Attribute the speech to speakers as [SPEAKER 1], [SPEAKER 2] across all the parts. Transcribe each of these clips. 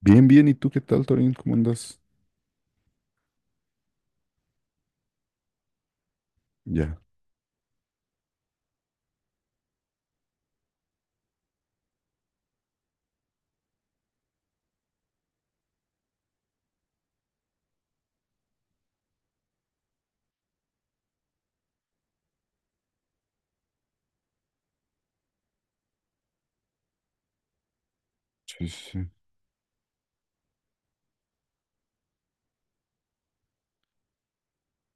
[SPEAKER 1] Bien, bien, ¿y tú qué tal, Torín? ¿Cómo andas? Ya. Sí, sí, sí.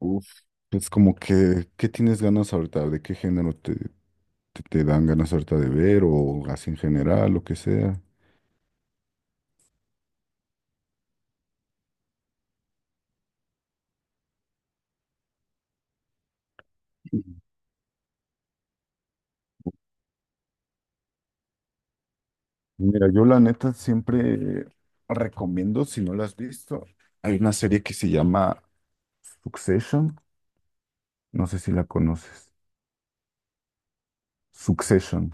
[SPEAKER 1] Uf, es como que, ¿qué tienes ganas ahorita? ¿De qué género te dan ganas ahorita de ver o así en general, lo que sea? Mira, yo la neta siempre recomiendo, si no la has visto, hay una serie que se llama Succession, no sé si la conoces. Succession.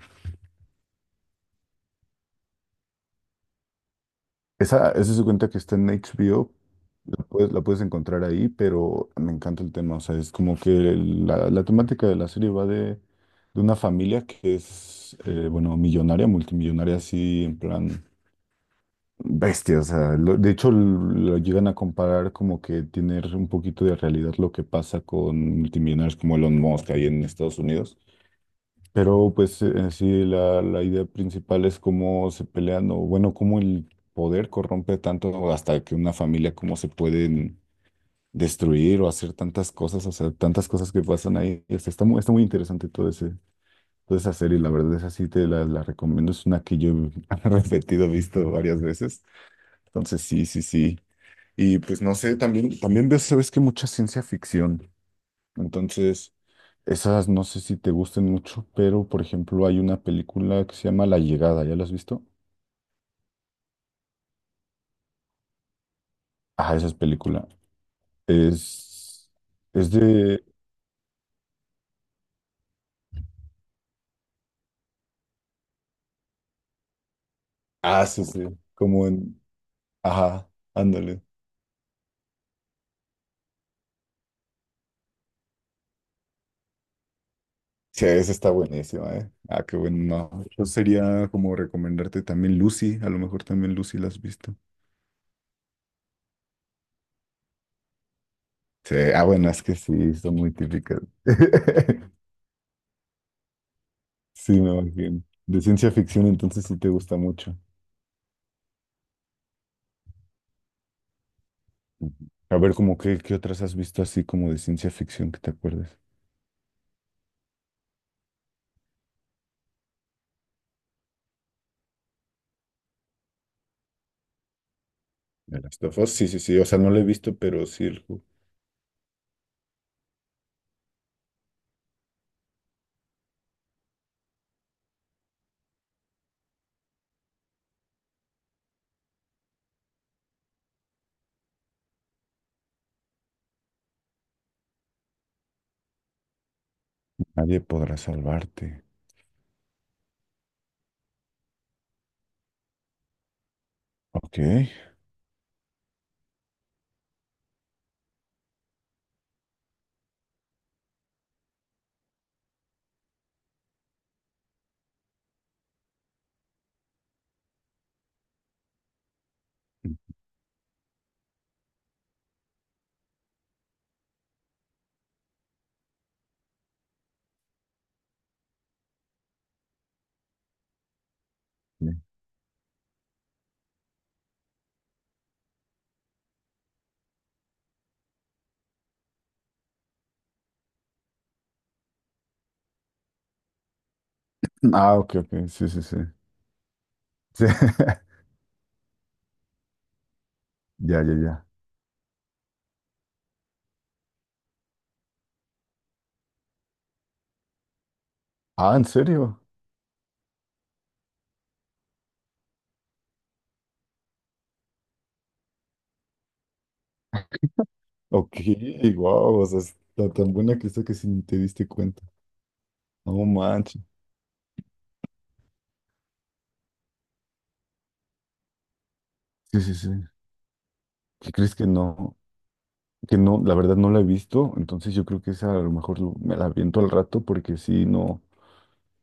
[SPEAKER 1] Esa se cuenta que está en HBO. Pues la puedes encontrar ahí, pero me encanta el tema. O sea, es como que la temática de la serie va de una familia que es, bueno, millonaria, multimillonaria, así en plan bestia. O sea, de hecho lo llegan a comparar como que tener un poquito de realidad lo que pasa con multimillonarios como Elon Musk ahí en Estados Unidos. Pero pues en sí, la idea principal es cómo se pelean o bueno, cómo el poder corrompe tanto hasta que una familia, cómo se pueden destruir o hacer tantas cosas, o sea, tantas cosas que pasan ahí. O sea, está muy interesante todo ese, toda esa serie, la verdad, esa sí te la recomiendo. Es una que yo he repetido, visto varias veces. Entonces, sí, sí, sí. Y pues no sé, también, también veo, sabes que mucha ciencia ficción. Entonces, esas no sé si te gusten mucho, pero por ejemplo, hay una película que se llama La Llegada, ¿ya la has visto? Ah, esa es película. Es, es de... Ah, sí, sí, como en... Ajá, ándale. Sí, esa está buenísima, ¿eh? Ah, qué bueno. No, yo sería como recomendarte también Lucy, a lo mejor también Lucy la has visto. Sí, ah, bueno, es que sí, son muy típicas. Sí, me imagino. De ciencia ficción, entonces sí te gusta mucho. Ujú. A ver, como qué, qué otras has visto así como de ciencia ficción que te acuerdes. ¿De Last of Us? Sí, sí, sí. O sea, no lo he visto, pero sí el juego. Nadie podrá salvarte. Ok. Ok. Ah, ok, ok. Sí, sí, sí. Sí. Ya, ya, ya. Ah, ¿en serio? Ok, wow, o sea, está tan buena que está que si ni te diste cuenta. No manches. Sí, sí, sí. ¿Qué crees que no? Que no, la verdad no la he visto, entonces yo creo que esa a lo mejor me la aviento al rato porque sí, no.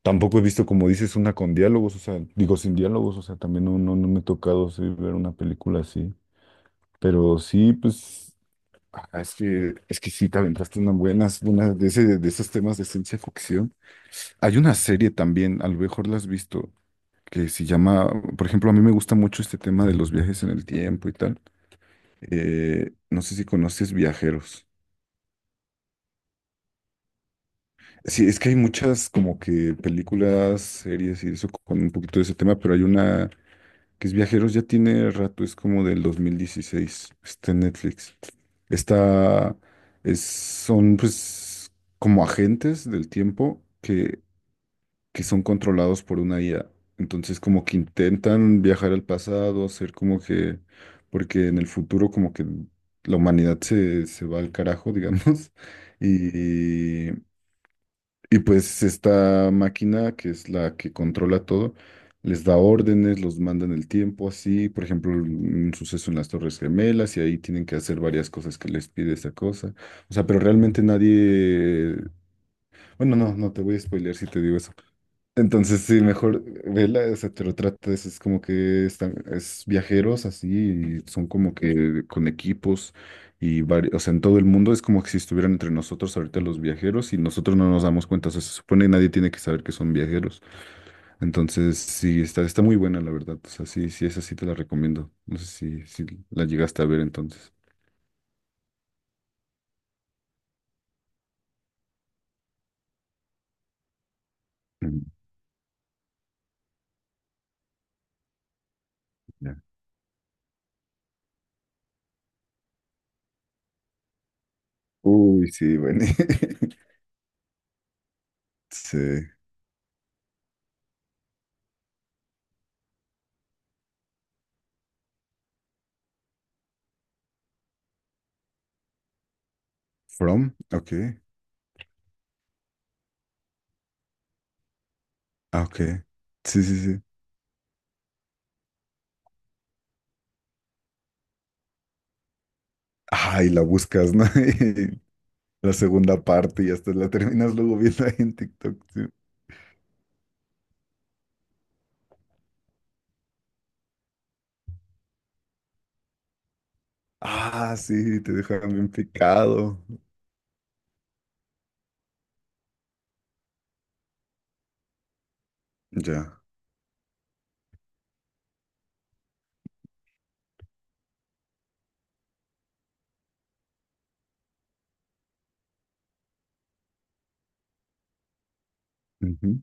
[SPEAKER 1] Tampoco he visto, como dices, una con diálogos, o sea, digo sin diálogos, o sea, también no, no, no me ha tocado sí, ver una película así. Pero sí, pues, ah, es que sí, te aventaste unas buenas, una de, ese, de esos temas de ciencia ficción. Hay una serie también, a lo mejor la has visto, que se llama, por ejemplo, a mí me gusta mucho este tema de los viajes en el tiempo y tal. No sé si conoces Viajeros. Sí, es que hay muchas como que películas, series y eso con un poquito de ese tema, pero hay una que es Viajeros, ya tiene rato, es como del 2016, está en Netflix. Esta es, son pues como agentes del tiempo que son controlados por una IA. Entonces como que intentan viajar al pasado, hacer como que, porque en el futuro como que la humanidad se, se va al carajo, digamos, y, y pues esta máquina que es la que controla todo, les da órdenes, los manda en el tiempo, así, por ejemplo, un suceso en las Torres Gemelas y ahí tienen que hacer varias cosas que les pide esa cosa. O sea, pero realmente nadie... Bueno, no, no te voy a spoilear si te digo entonces, sí, mejor vela, o sea, pero trata de, es como que están, es viajeros así, y son como que con equipos y varios, o sea, en todo el mundo es como que si estuvieran entre nosotros ahorita los viajeros y nosotros no nos damos cuenta, o sea, se supone que nadie tiene que saber que son viajeros. Entonces, sí, está, está muy buena, la verdad, o sea, sí, sí, esa sí te la recomiendo. No sé si, si la llegaste a ver entonces. Mm, ya. Uy, sí, bueno. Sí. From, ok. Ah, ok. Sí, sí, sí. Ay, la buscas, ¿no? Y la segunda parte y hasta la terminas luego viendo ahí en TikTok. Sí. Ah, sí, te dejan bien picado. Ya. Ujú.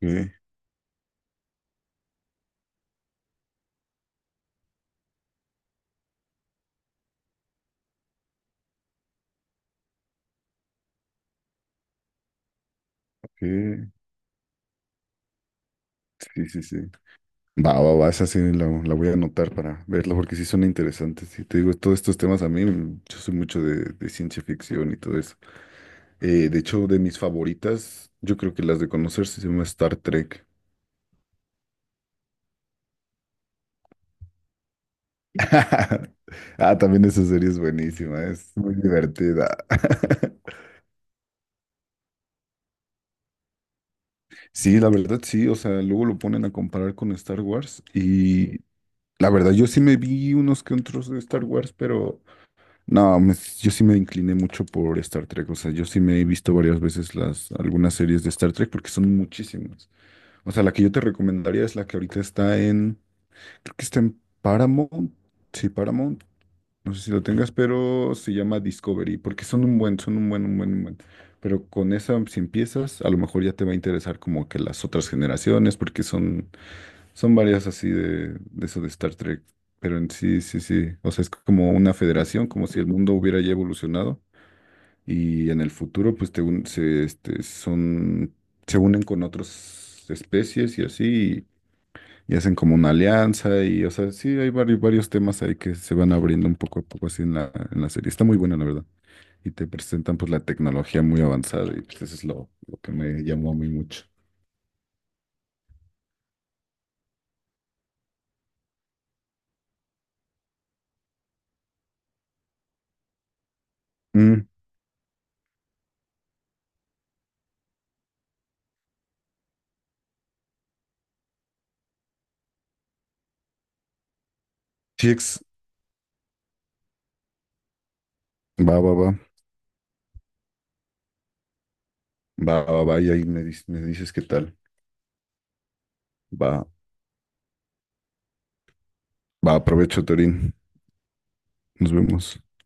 [SPEAKER 1] ¿Qué? ¿Qué? Sí, sí, sí. Va, va, va, esa sí la voy a anotar para verla porque sí son interesantes. Y te digo, todos estos temas a mí, mm, yo soy mucho de ciencia ficción y todo eso. De hecho, de mis favoritas, yo creo que las de conocer se llama Star Trek. Ah, también esa serie es buenísima, es muy divertida. Sí, la verdad sí, o sea, luego lo ponen a comparar con Star Wars y la verdad yo sí me vi unos que otros de Star Wars, pero no, yo sí me incliné mucho por Star Trek, o sea, yo sí me he visto varias veces las algunas series de Star Trek porque son muchísimas. O sea, la que yo te recomendaría es la que ahorita está en, creo que está en Paramount, sí, Paramount, no sé si lo tengas, pero se llama Discovery, porque son un buen. Pero con esa, si empiezas, a lo mejor ya te va a interesar como que las otras generaciones, porque son, son varias así de eso de Star Trek. Pero en sí, sí, sí. O sea, es como una federación, como si el mundo hubiera ya evolucionado. Y en el futuro, pues te un- se, este, son, se unen con otras especies y así y hacen como una alianza y, o sea, sí, hay varios, varios temas ahí que se van abriendo un poco a poco así en en la serie. Está muy buena, la verdad. Y te presentan pues la tecnología muy avanzada y pues eso es lo que me llamó a mí mucho. Mm, sí, va, va, va, va, va, va, y ahí me, me dices qué tal. Va, va, aprovecho, Torín. Nos vemos.